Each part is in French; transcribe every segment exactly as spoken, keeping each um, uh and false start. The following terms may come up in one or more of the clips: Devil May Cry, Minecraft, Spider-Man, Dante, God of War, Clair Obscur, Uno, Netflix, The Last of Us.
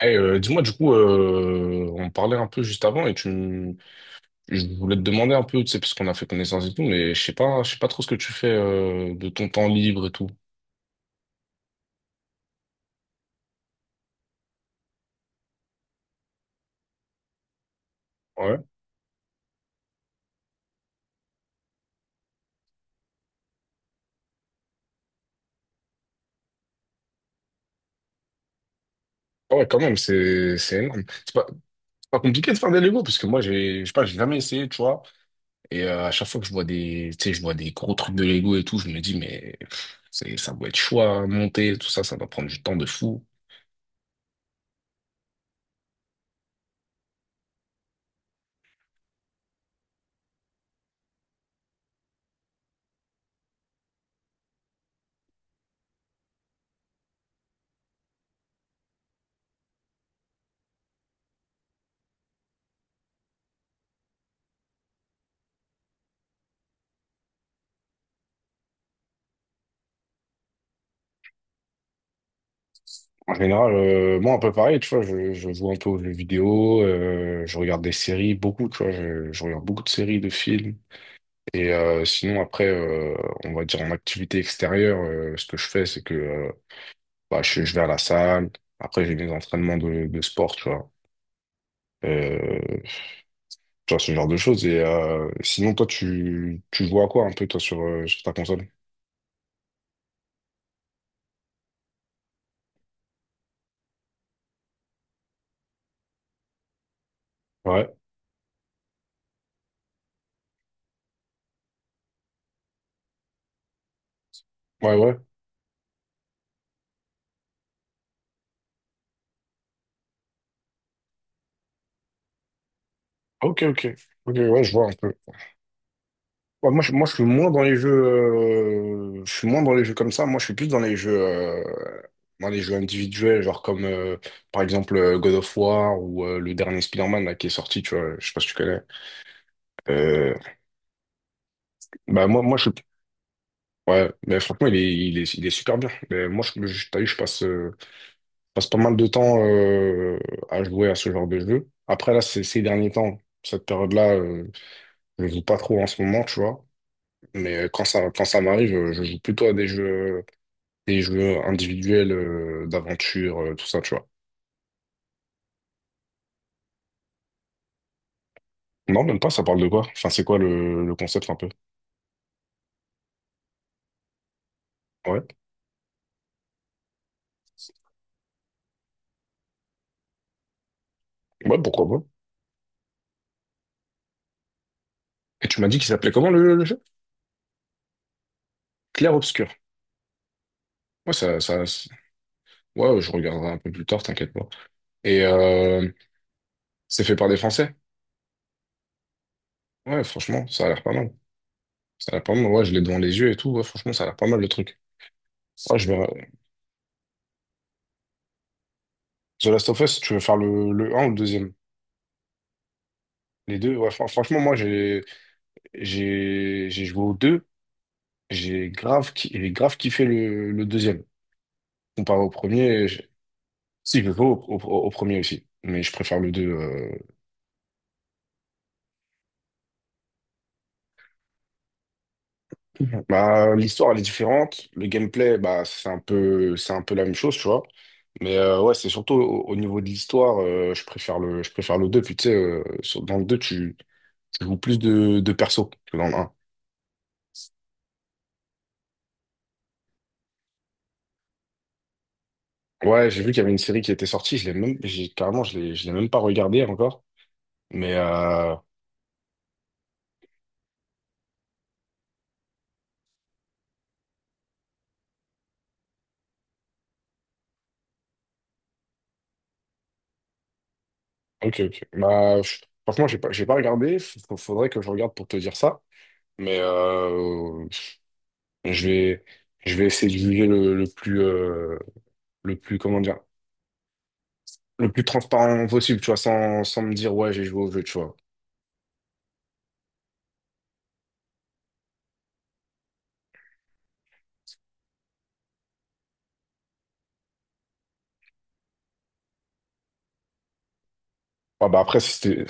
Eh, euh, dis-moi, du coup, euh, on parlait un peu juste avant et tu, m- je voulais te demander un peu, tu sais, parce qu'on a fait connaissance et tout, mais je sais pas, je sais pas trop ce que tu fais euh, de ton temps libre et tout. Ouais. Ah Ouais, quand même, c'est c'est énorme. C'est pas, c'est pas compliqué de faire des Lego parce que moi, j'ai, je sais pas, j'ai jamais essayé, tu vois. Et euh, à chaque fois que je vois des, tu sais, je vois des gros trucs de Lego et tout, je me dis, mais pff, c'est, ça doit être chaud à monter, tout ça, ça doit prendre du temps de fou. En général, euh, moi, un peu pareil, tu vois, je, je joue un peu aux jeux vidéo, euh, je regarde des séries, beaucoup, tu vois, je, je regarde beaucoup de séries, de films. Et euh, sinon, après, euh, on va dire en activité extérieure, euh, ce que je fais, c'est que euh, bah, je, je vais à la salle, après j'ai mes entraînements de, de sport, tu vois. Euh, Tu vois, ce genre de choses. Et euh, sinon, toi, tu, tu joues à quoi un peu, toi, sur, euh, sur ta console? Ouais, ouais, ouais. Ok, ok. Ok, ouais, je vois un peu. Ouais, moi, je, moi, je suis moins dans les jeux, euh, je suis moins dans les jeux comme ça. Moi, je suis plus dans les jeux, euh, dans les jeux individuels, genre comme euh, par exemple euh, God of War ou euh, le dernier Spider-Man là, qui est sorti. Tu vois, je sais pas si tu connais. Euh, bah moi, moi, je, ouais, mais franchement, il est, il est, il est super bien. Mais moi, je, je- t'as vu, je passe, euh, je passe pas mal de temps euh, à jouer à ce genre de jeu. Après là, ces, ces derniers temps, cette période-là, euh, je joue pas trop en ce moment, tu vois. Mais euh, quand ça, quand ça m'arrive, euh, je joue plutôt à des jeux. Des jeux individuels euh, d'aventure, euh, tout ça, tu vois. Non, même pas, ça parle de quoi? Enfin, c'est quoi le, le concept un peu? Ouais. Ouais, pourquoi pas? Et tu m'as dit qu'il s'appelait comment le, le jeu? Clair Obscur. Ouais, ça, ça, c'est- ouais, je regarderai un peu plus tard, t'inquiète pas. Et euh, c'est fait par des Français? Ouais, franchement, ça a l'air pas mal. Ça a l'air pas mal, ouais, je l'ai devant les yeux et tout, ouais, franchement, ça a l'air pas mal le truc. Ouais, je vais... The Last of Us, tu veux faire le, le un ou le deuxième? Les deux, ouais, fran- franchement, moi, j'ai, j'ai, j'ai joué aux deux. J'ai grave, ki- j'ai grave kiffé le, le deuxième. Comparé au premier, je- si je veux au, au, au premier aussi, mais je préfère le deux. euh. Mhm. Bah, l'histoire, elle est différente. Le gameplay, bah, c'est un peu, c'est un peu la même chose, tu vois. Mais euh, ouais, c'est surtout au, au niveau de l'histoire, euh, je préfère le, je préfère le deux. Puis tu sais, euh, sur- dans le deux tu, tu joues plus de, de persos que dans le premier. Ouais, j'ai vu qu'il y avait une série qui était sortie, je l'ai même, j'ai, carrément, je l'ai, je l'ai même pas regardée encore. Mais euh, Ok, ok. Bah, je- franchement, j'ai pas, j'ai pas regardé. F- f- Faudrait que je regarde pour te dire ça. Mais euh, je vais, je vais essayer de juger le, le plus, euh, le plus, comment dire, le plus transparent possible, tu vois, sans, sans me dire, ouais, j'ai joué au jeu, tu vois. Ah bah après, si c'était,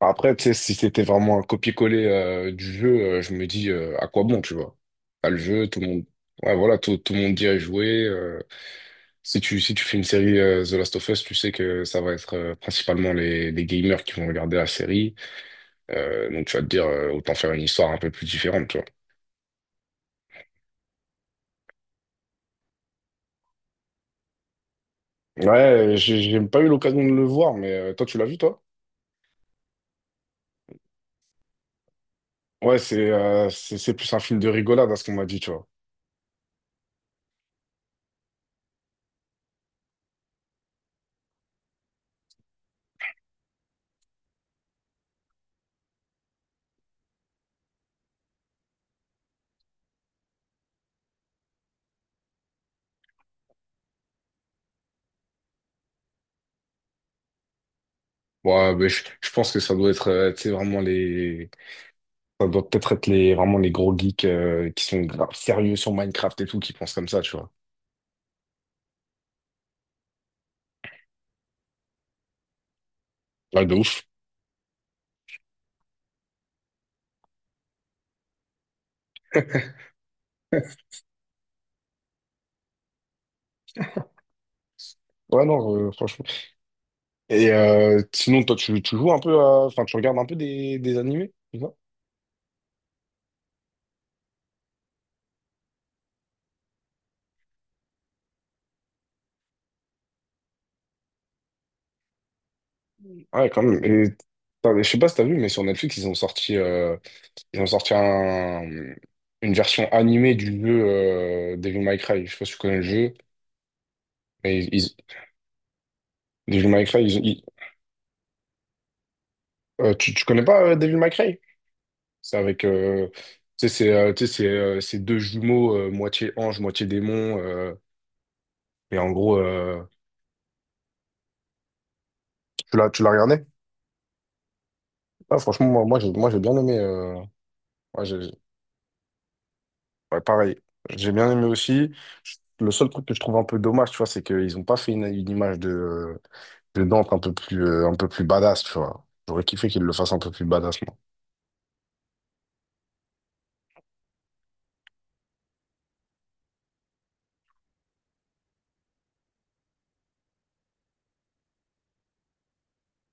bah, après, tu sais, si c'était vraiment un copier-coller euh, du jeu, euh, je me dis, euh, à quoi bon, tu vois. T'as le jeu, tout le monde, ouais, voilà, tout, tout le monde dit à jouer. euh, Si tu, si tu fais une série euh, The Last of Us, tu sais que ça va être euh, principalement les, les gamers qui vont regarder la série. Euh, donc tu vas te dire, euh, autant faire une histoire un peu plus différente, tu vois. Ouais, j'ai j'ai pas eu l'occasion de le voir, mais euh, toi, tu l'as vu, toi? Ouais, c'est euh, c'est c'est plus un film de rigolade à ce qu'on m'a dit, tu vois. Ouais, mais je, je pense que ça doit être, euh, tu sais, vraiment les... Ça doit peut-être être les, vraiment les gros geeks euh, qui sont grave sérieux sur Minecraft et tout, qui pensent comme ça, tu vois. Ouais, de ouf. Ouais, non, euh, franchement. Et euh, sinon, toi, tu, tu joues un peu à- enfin, tu regardes un peu des, des animés, tu vois. Ah ouais, quand même. Et, putain, mais je sais pas si t'as vu, mais sur Netflix, ils ont sorti, euh, ils ont sorti un, une version animée du jeu euh, Devil May Cry. Je sais pas si tu connais le jeu, mais ils, ils- Devil May Cry, ils, ils- euh, tu, tu connais pas euh, Devil May Cry? C'est avec... euh, tu sais, c'est euh, tu sais, c'est euh, c'est deux jumeaux, euh, moitié ange, moitié démon. Euh, et en gros, euh, tu l'as tu l'as regardé? Ah, franchement, moi, moi j'ai moi, j'ai bien aimé... euh, Ouais, pareil. J'ai bien aimé aussi. Le seul truc que je trouve un peu dommage, tu vois, c'est qu'ils n'ont pas fait une, une image de, de Dante un peu plus, euh, un peu plus badass, tu vois. J'aurais kiffé qu'ils le fassent un peu plus badass, moi.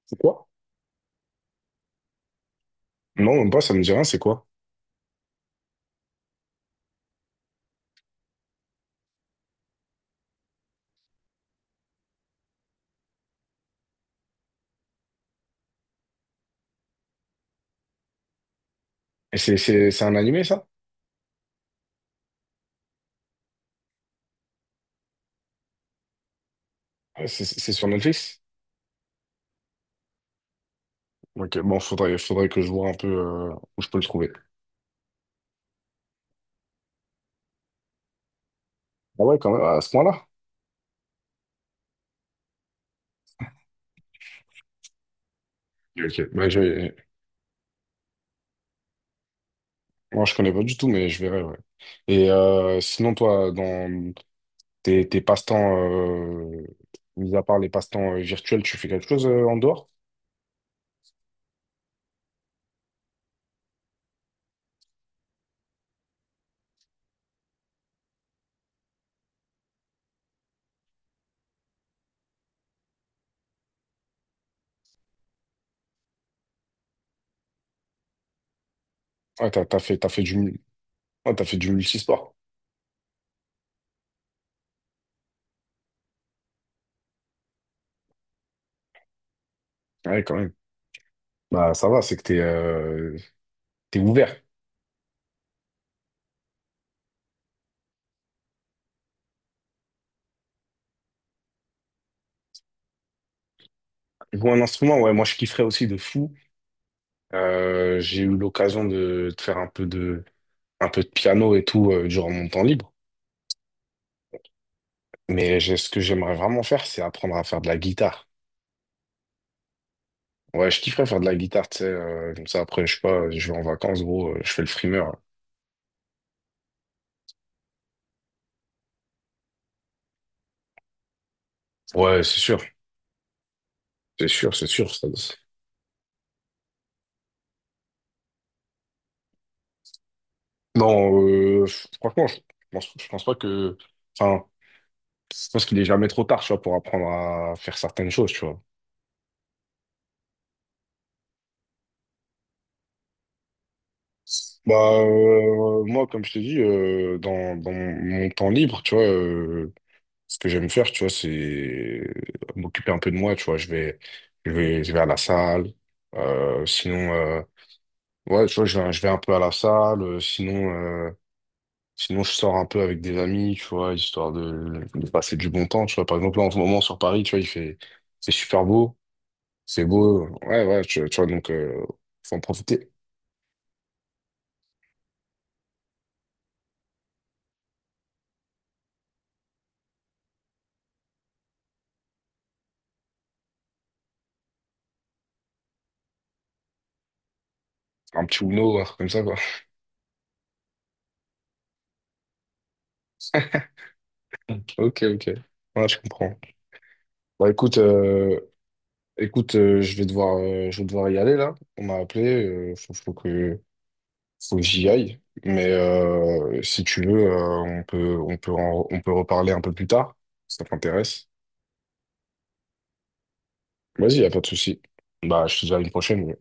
C'est quoi? Non, même pas, ça me dit rien, c'est quoi? Et c'est, c'est, c'est un animé, ça? Ouais, C'est c'est sur Netflix? Ok, bon, faudrait, faudrait que je vois un peu euh, où je peux le trouver. Ah ouais, quand même, à ce point-là? Ok, ok. Bah, je vais- Moi, je connais pas du tout, mais je verrai, ouais. Et euh, sinon, toi, dans tes, tes passe-temps, euh, mis à part les passe-temps euh, virtuels, tu fais quelque chose euh, en dehors? Ouais, t'as, t'as fait, t'as fait du, mul- ouais, t'as fait du multisport. Ouais, quand même. Bah, ça va, c'est que t'es, euh, t'es ouvert. Jouer un instrument, ouais, moi, je kifferais aussi de fou. Euh, j'ai eu l'occasion de, de faire un peu de, un peu de piano et tout, euh, durant mon temps libre. Mais j'ai- ce que j'aimerais vraiment faire, c'est apprendre à faire de la guitare. Ouais, je kifferais faire de la guitare, tu sais, euh, comme ça, après, je sais pas, je vais en vacances, gros, euh, je fais le frimeur. Ouais, c'est sûr, c'est sûr, c'est sûr. ça- Non, euh, franchement, je pense, je pense pas que... Enfin, je pense qu'il est jamais trop tard, tu vois, pour apprendre à faire certaines choses, tu vois. Bah, euh, moi, comme je t'ai dit, euh, dans, dans mon temps libre, tu vois, euh, ce que j'aime faire, tu vois, c'est euh, m'occuper un peu de moi, tu vois. Je vais, je vais, je vais à la salle. Euh, sinon, euh, ouais, tu vois, je vais, je vais un peu à la salle. Euh, Sinon, euh, sinon, je sors un peu avec des amis, tu vois, histoire de, de passer du bon temps, tu vois. Par exemple, là, en ce moment, sur Paris, tu vois, il fait, c'est super beau, c'est beau. Ouais, ouais, tu, tu vois, donc, euh, faut en profiter. Un petit Uno, un truc comme ça, quoi. Ok, ok. Ouais, je comprends. Bah écoute, euh, écoute, euh, je vais devoir, euh, je vais devoir y aller là. On m'a appelé, euh, faut, faut que, faut que j'y aille. Mais euh, si tu veux, euh, on peut, on peut, en- on peut reparler un peu plus tard, si ça t'intéresse. Vas-y, y a pas de souci. Bah, je te dis à une prochaine. ouais.